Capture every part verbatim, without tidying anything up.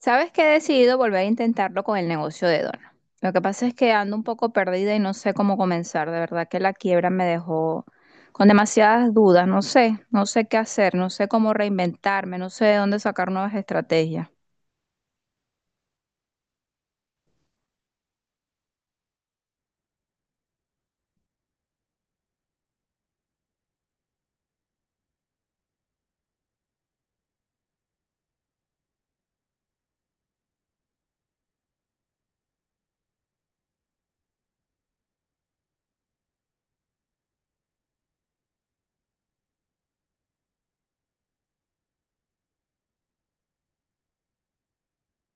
Sabes que he decidido volver a intentarlo con el negocio de Dona. Lo que pasa es que ando un poco perdida y no sé cómo comenzar. De verdad que la quiebra me dejó con demasiadas dudas. No sé, no sé qué hacer, no sé cómo reinventarme, no sé de dónde sacar nuevas estrategias.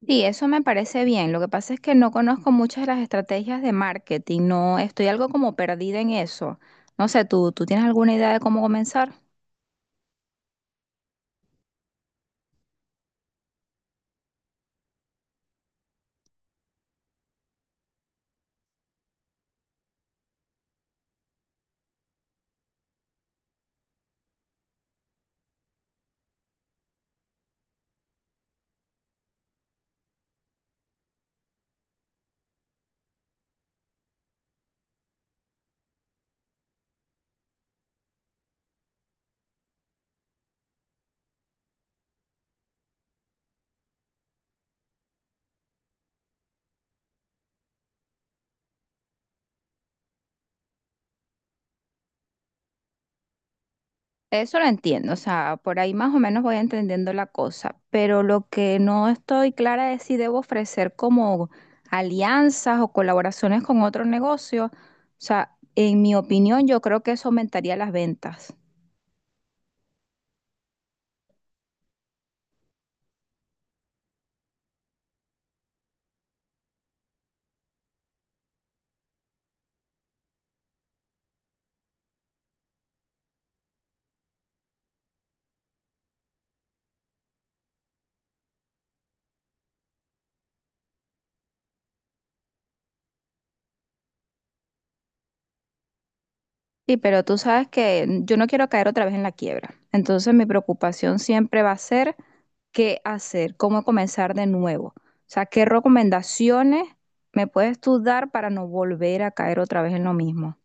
Sí, eso me parece bien. Lo que pasa es que no conozco muchas de las estrategias de marketing. No, estoy algo como perdida en eso. No sé, ¿tú, tú tienes alguna idea de cómo comenzar? Eso lo entiendo, o sea, por ahí más o menos voy entendiendo la cosa, pero lo que no estoy clara es si debo ofrecer como alianzas o colaboraciones con otro negocio. O sea, en mi opinión, yo creo que eso aumentaría las ventas. Sí, pero tú sabes que yo no quiero caer otra vez en la quiebra. Entonces mi preocupación siempre va a ser qué hacer, cómo comenzar de nuevo. O sea, ¿qué recomendaciones me puedes tú dar para no volver a caer otra vez en lo mismo?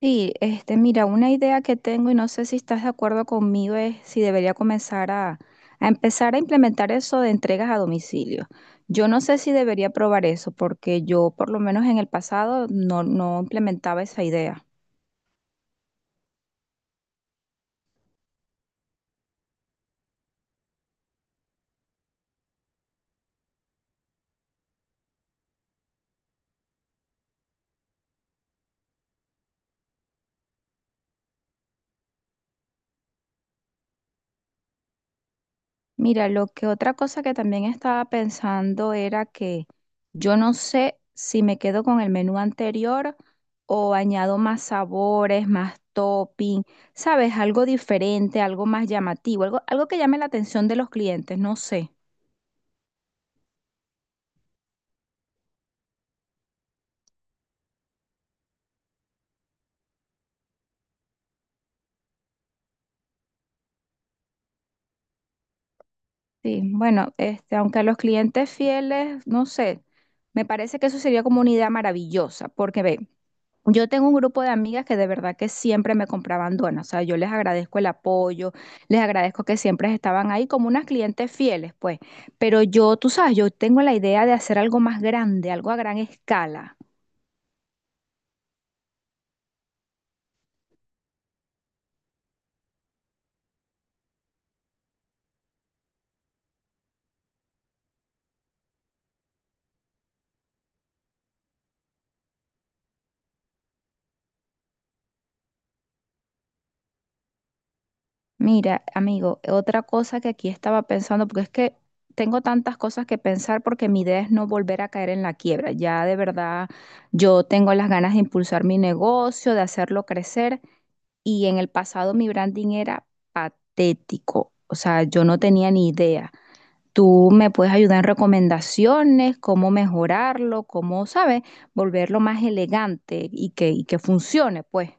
Sí, este, mira, una idea que tengo y no sé si estás de acuerdo conmigo es si debería comenzar a, a empezar a implementar eso de entregas a domicilio. Yo no sé si debería probar eso porque yo por lo menos en el pasado no, no implementaba esa idea. Mira, lo que otra cosa que también estaba pensando era que yo no sé si me quedo con el menú anterior o añado más sabores, más topping, ¿sabes? Algo diferente, algo más llamativo, algo, algo que llame la atención de los clientes, no sé. Sí, bueno, este, aunque a los clientes fieles, no sé, me parece que eso sería como una idea maravillosa, porque ve, yo tengo un grupo de amigas que de verdad que siempre me compraban donas, o sea, yo les agradezco el apoyo, les agradezco que siempre estaban ahí como unas clientes fieles, pues, pero yo, tú sabes, yo tengo la idea de hacer algo más grande, algo a gran escala. Mira, amigo, otra cosa que aquí estaba pensando, porque es que tengo tantas cosas que pensar porque mi idea es no volver a caer en la quiebra, ya de verdad yo tengo las ganas de impulsar mi negocio, de hacerlo crecer. Y en el pasado mi branding era patético, o sea, yo no tenía ni idea. Tú me puedes ayudar en recomendaciones, cómo mejorarlo, cómo, ¿sabes? Volverlo más elegante y que, y que funcione, pues.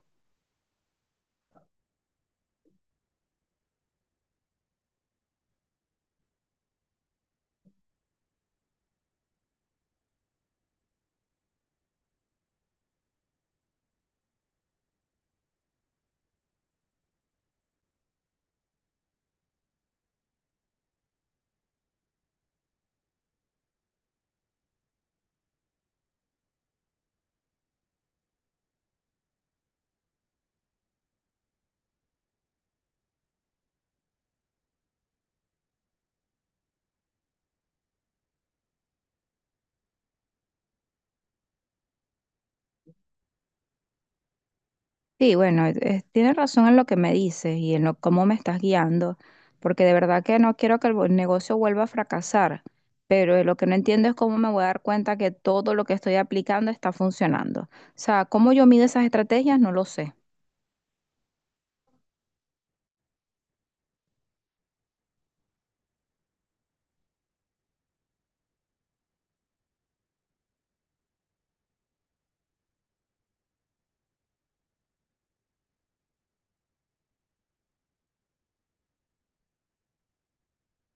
Sí, bueno, eh, eh, tienes razón en lo que me dices y en lo, cómo me estás guiando, porque de verdad que no quiero que el vo- negocio vuelva a fracasar, pero eh, lo que no entiendo es cómo me voy a dar cuenta que todo lo que estoy aplicando está funcionando. O sea, cómo yo mido esas estrategias, no lo sé.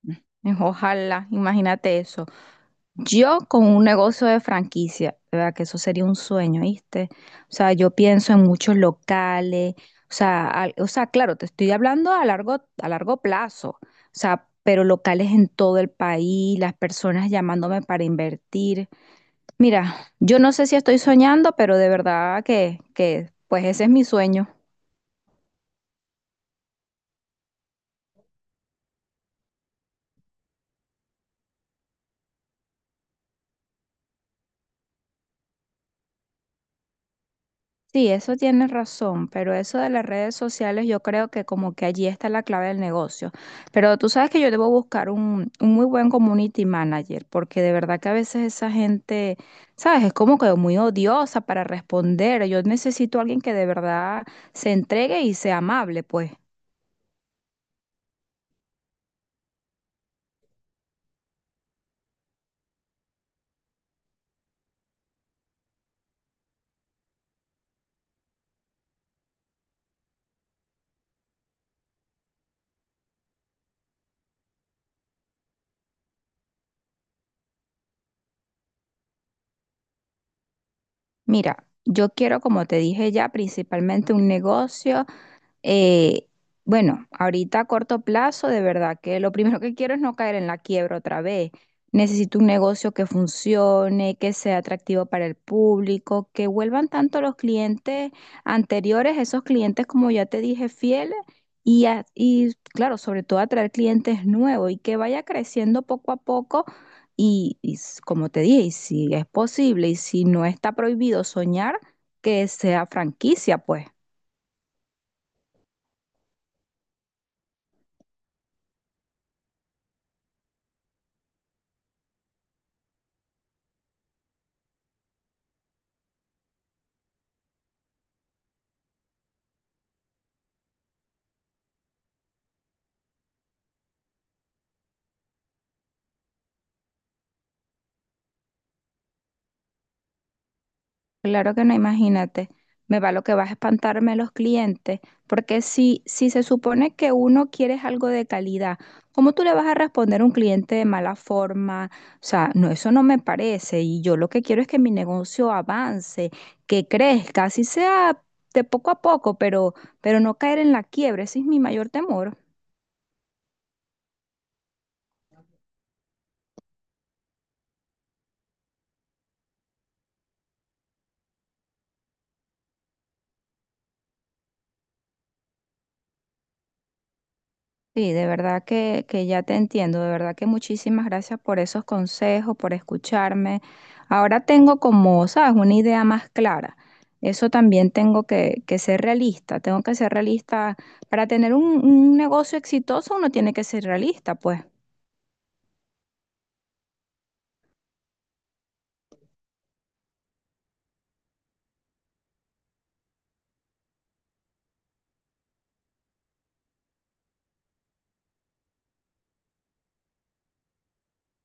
Ojalá, imagínate eso. Yo con un negocio de franquicia, de verdad que eso sería un sueño, ¿viste? O sea, yo pienso en muchos locales, o sea, al- o sea, claro, te estoy hablando a largo, a largo plazo, o sea, pero locales en todo el país, las personas llamándome para invertir. Mira, yo no sé si estoy soñando, pero de verdad que, que pues ese es mi sueño. Sí, eso tienes razón, pero eso de las redes sociales yo creo que como que allí está la clave del negocio. Pero tú sabes que yo debo buscar un, un muy buen community manager, porque de verdad que a veces esa gente, sabes, es como que muy odiosa para responder. Yo necesito a alguien que de verdad se entregue y sea amable, pues. Mira, yo quiero, como te dije ya, principalmente un negocio. Eh, bueno, ahorita a corto plazo, de verdad que lo primero que quiero es no caer en la quiebra otra vez. Necesito un negocio que funcione, que sea atractivo para el público, que vuelvan tanto los clientes anteriores, esos clientes, como ya te dije, fieles, y, a- y claro, sobre todo atraer clientes nuevos y que vaya creciendo poco a poco. Y, y s- como te dije, y si es posible y si no está prohibido soñar, que sea franquicia, pues. Claro que no, imagínate. Me va lo que vas a espantarme los clientes, porque si, si se supone que uno quiere es algo de calidad, ¿cómo tú le vas a responder a un cliente de mala forma? O sea, no, eso no me parece. Y yo lo que quiero es que mi negocio avance, que crezca, así sea de poco a poco, pero, pero no caer en la quiebra. Ese es mi mayor temor. Sí, de verdad que, que ya te entiendo, de verdad que muchísimas gracias por esos consejos, por escucharme. Ahora tengo como, sabes, una idea más clara. Eso también tengo que, que ser realista, tengo que ser realista. Para tener un, un negocio exitoso uno tiene que ser realista, pues.